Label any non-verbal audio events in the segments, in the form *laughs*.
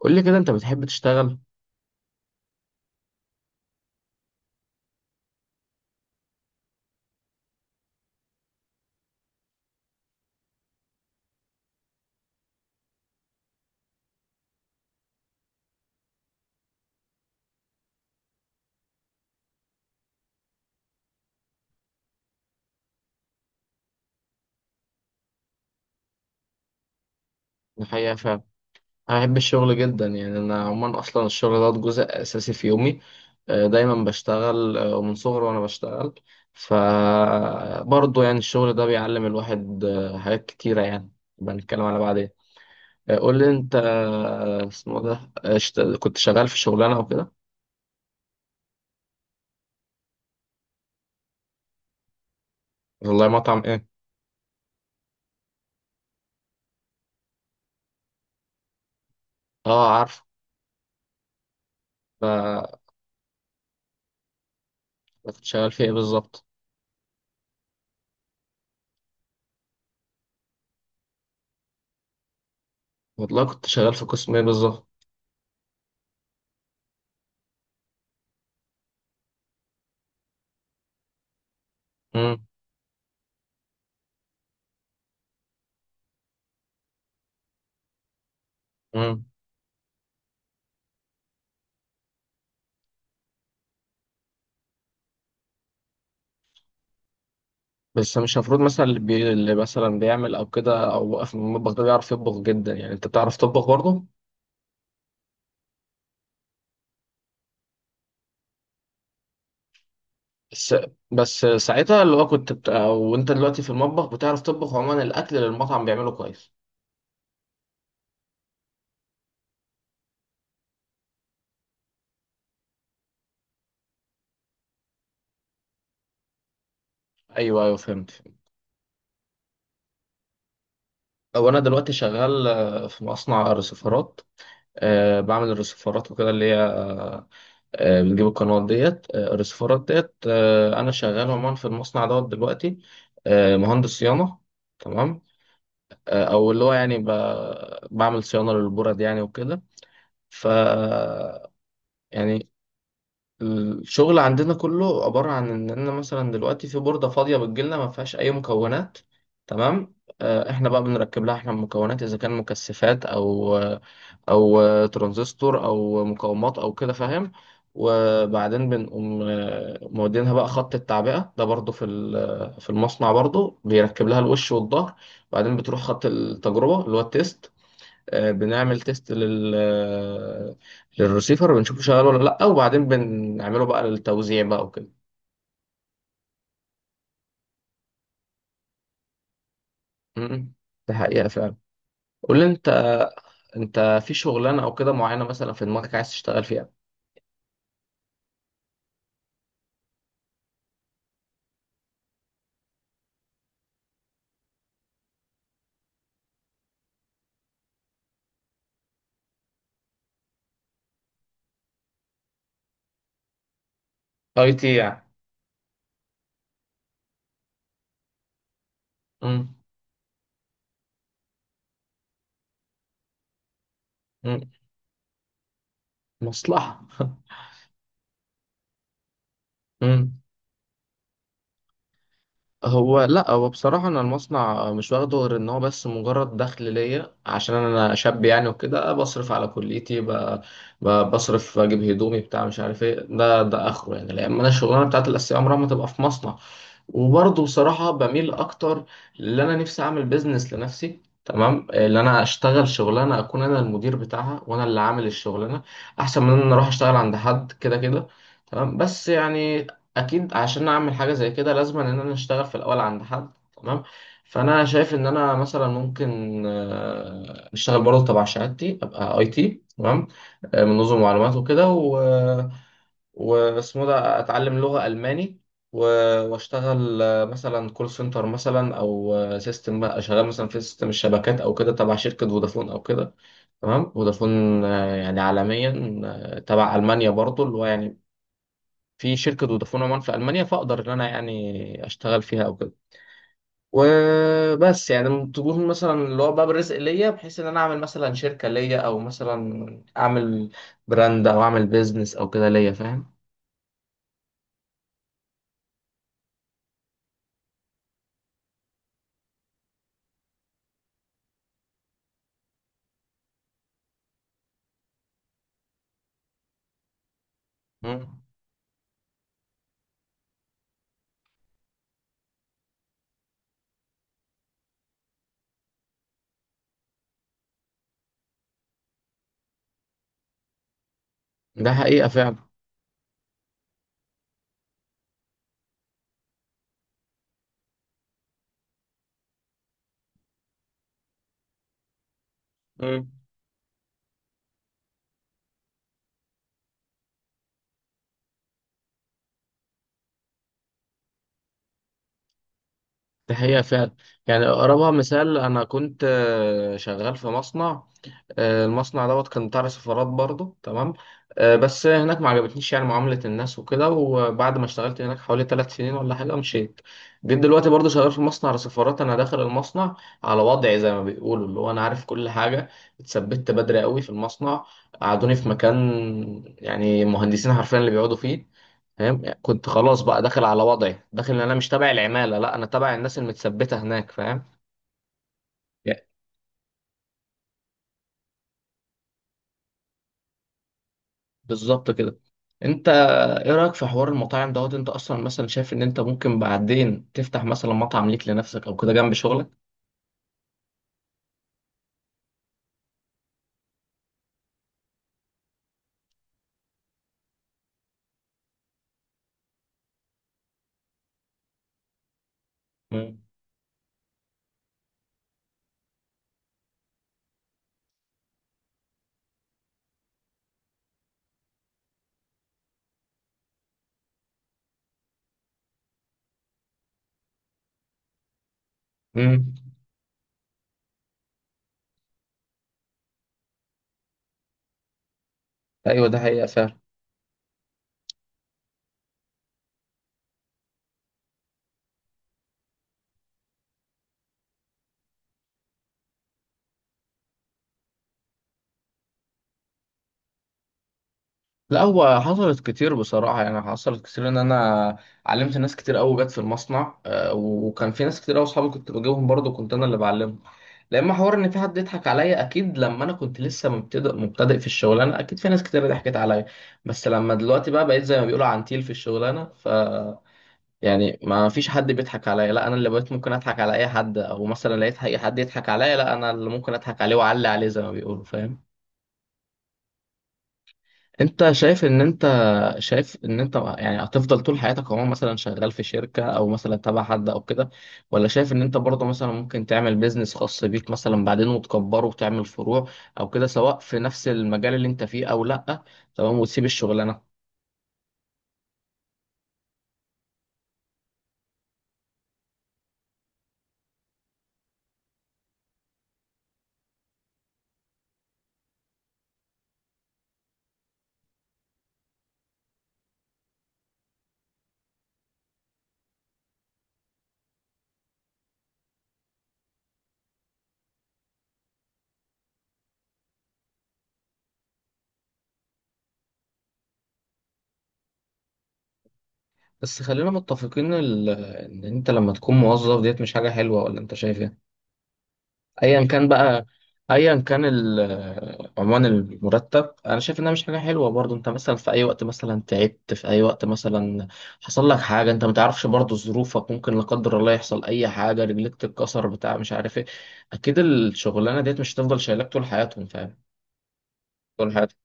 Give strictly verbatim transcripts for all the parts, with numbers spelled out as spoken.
قول لي كده، انت بتحب تشتغل؟ الحقيقة فعلا انا بحب الشغل جدا. يعني انا عموما اصلا الشغل ده جزء اساسي في يومي. آه، دايما بشتغل، آه، ومن صغري وانا بشتغل. فبرضه يعني الشغل ده بيعلم الواحد آه، حاجات كتيرة يعني. بنتكلم على بعدين. آه، قول لي انت، آه، اسمه ده، آه، اشت- كنت شغال في شغلانة وكده. والله مطعم ايه؟ اه عارف. ف- كنت شغال في ايه بالظبط؟ والله كنت شغال في قسم ايه بالظبط؟ مم، مم. بس مش المفروض مثلا اللي, بي... اللي مثلا بيعمل او كده او واقف من المطبخ ده بيعرف يطبخ جدا؟ يعني انت بتعرف تطبخ برضه؟ بس بس ساعتها اللي هو كنت بت... او انت دلوقتي في المطبخ بتعرف تطبخ عموما الاكل اللي المطعم بيعمله كويس؟ ايوه ايوه، فهمت فهمت. او انا دلوقتي شغال آه، في مصنع رسيفرات. أه، بعمل الرسيفرات وكده اللي هي أه، آه، بنجيب القنوات ديت، آه، الرسيفرات ديت. أه انا شغال عموما في المصنع دوت دلوقتي. أه مهندس صيانه، تمام. آه، او اللي هو يعني ب... بعمل صيانه للبرد يعني وكده. ف يعني الشغل عندنا كله عباره عن ان انا مثلا دلوقتي في برده فاضيه بتجيلنا ما فيهاش اي مكونات، تمام. آه، احنا بقى بنركب لها احنا المكونات، اذا كان مكثفات او او ترانزستور او مقاومات او كده، فاهم. وبعدين بنقوم آه، مودينها بقى خط التعبئه ده، برضو في ال- في المصنع برضو بيركب لها الوش والظهر. بعدين بتروح خط التجربه اللي هو التيست، آه، بنعمل تيست لل للرسيفر، بنشوفه شغال ولا لا، وبعدين بنعمله بقى للتوزيع بقى وكده. امم، ده حقيقة فعلا. قول لي انت، انت في شغلانة او كده معينة مثلا في دماغك عايز تشتغل فيها؟ اي تي يعني؟ امم. مصلحة. *laughs* امم. هو لا هو بصراحة أنا المصنع مش واخده غير إن هو بس مجرد دخل ليا عشان أنا شاب يعني وكده. بصرف على كليتي ب- ب- بصرف أجيب هدومي بتاع، مش عارف إيه، ده ده آخره يعني، لأن أنا الشغلانة بتاعت الأساسية عمرها ما تبقى في مصنع. وبرضه بصراحة بميل أكتر اللي أنا نفسي أعمل بيزنس لنفسي، تمام، اللي أنا أشتغل شغلانة أكون أنا المدير بتاعها وأنا اللي عامل الشغلانة، أحسن من إن أنا أروح أشتغل عند حد. كده كده، تمام، بس يعني اكيد عشان اعمل حاجه زي كده لازم ان انا اشتغل في الاول عند حد، تمام. فانا شايف ان انا مثلا ممكن آه، اشتغل برضه تبع شهادتي، ابقى اي تي، تمام، آه، من نظم معلومات وكده و... واسمه ده، اتعلم لغه الماني و... واشتغل آه، مثلا كول سنتر مثلا، او آه، سيستم بقى، شغال مثلا في سيستم الشبكات او كده تبع شركه فودافون او كده، تمام. فودافون آه، يعني عالميا، آه، تبع المانيا برضه، اللي هو يعني في شركة فودافون عمان في ألمانيا، فأقدر إن أنا يعني أشتغل فيها أو كده. وبس يعني تكون مثلا اللي هو باب الرزق ليا، بحيث إن أنا أعمل مثلا شركة ليا، أو مثلا أعمل براند أو أعمل بيزنس أو كده ليا، فاهم. مم. ده حقيقة فعلا. مم. ده حقيقة فعلا. يعني أقربها مثال، أنا كنت آه، شغال في مصنع، آه، المصنع دوت كان بتاع سفارات برضه، تمام. آه، بس هناك ما عجبتنيش يعني معاملة الناس وكده، وبعد ما اشتغلت هناك حوالي ثلاث سنين ولا حاجة مشيت. جيت دلوقتي برضه شغال في مصنع سفارات، أنا داخل المصنع على وضعي زي ما بيقولوا، اللي هو أنا عارف كل حاجة. اتثبت بدري قوي في المصنع، قعدوني في مكان يعني مهندسين حرفيا اللي بيقعدوا فيه، فاهم. كنت خلاص بقى داخل على وضعي، داخل إن أنا مش تابع العمالة، لا أنا تابع الناس المتثبتة هناك، فاهم. بالظبط كده. انت ايه رأيك في حوار المطاعم دوت؟ انت اصلا مثلا شايف ان انت ممكن بعدين تفتح مثلا مطعم ليك لنفسك او كده جنب شغلك؟ مم. مم. ايوه، ده حقيقة فعلا. لا هو حصلت كتير بصراحة، يعني حصلت كتير ان انا علمت ناس كتير قوي جت في المصنع، آه، وكان في ناس كتير قوي اصحابي كنت بجيبهم برضه، كنت انا اللي بعلمهم. لما حوار ان في حد يضحك عليا، اكيد لما انا كنت لسه مبتدئ مبتدئ في الشغلانه اكيد في ناس كتير ضحكت عليا، بس لما دلوقتي بقى بقيت زي ما بيقولوا عنتيل في الشغلانه، ف يعني ما فيش حد بيضحك عليا، لا انا اللي بقيت ممكن اضحك على اي حد، او مثلا لقيت اي حد يضحك عليا لا انا اللي ممكن اضحك عليه واعلي عليه زي ما بيقولوا، فاهم. انت شايف ان انت، شايف ان انت يعني هتفضل طول حياتك عموما مثلا شغال في شركة او مثلا تبع حد او كده، ولا شايف ان انت برضه مثلا ممكن تعمل بيزنس خاص بيك مثلا بعدين وتكبره وتعمل فروع او كده، سواء في نفس المجال اللي انت فيه او لا، تمام، وتسيب الشغلانة؟ بس خلينا متفقين ال- ان انت لما تكون موظف ديت مش حاجة حلوة، ولا انت شايف ايه؟ ايا كان بقى، ايا كان ال- عنوان المرتب، انا شايف انها مش حاجه حلوه. برضو انت مثلا في اي وقت مثلا تعبت، في اي وقت مثلا حصل لك حاجه انت ما تعرفش، برضو ظروفك ممكن لا قدر الله يحصل اي حاجه، رجلك تتكسر بتاع مش عارف ايه، اكيد الشغلانه ديت مش هتفضل شايلاك طول حياتهم، فاهم، طول حياتك.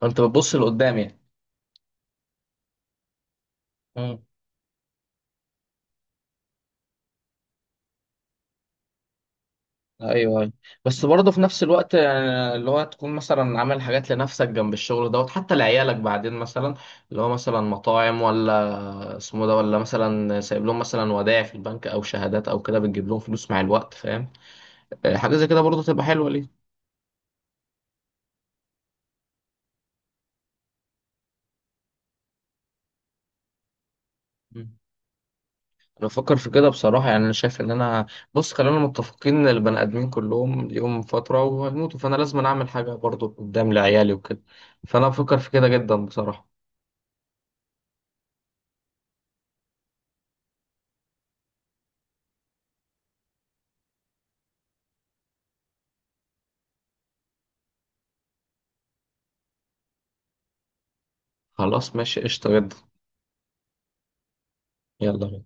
فانت بتبص لقدام يعني. ايوه، أيوة. بس برضه في نفس الوقت آه، اللي هو تكون مثلا عامل حاجات لنفسك جنب الشغل دوت، حتى لعيالك بعدين مثلا، اللي هو مثلا مطاعم ولا اسمه ده، ولا مثلا سايب لهم مثلا ودائع في البنك او شهادات او كده بتجيب لهم فلوس مع الوقت، فاهم. آه، حاجه زي كده برضه تبقى حلوه ليه. مم. انا بفكر في كده بصراحه، يعني انا شايف ان انا، بص خلينا متفقين ان البني ادمين كلهم ليهم فتره وهيموتوا، فانا لازم اعمل حاجه برضه قدام لعيالي وكده، فانا بفكر في كده جدا بصراحه. خلاص ماشي، قشطه جدا. يلا بينا.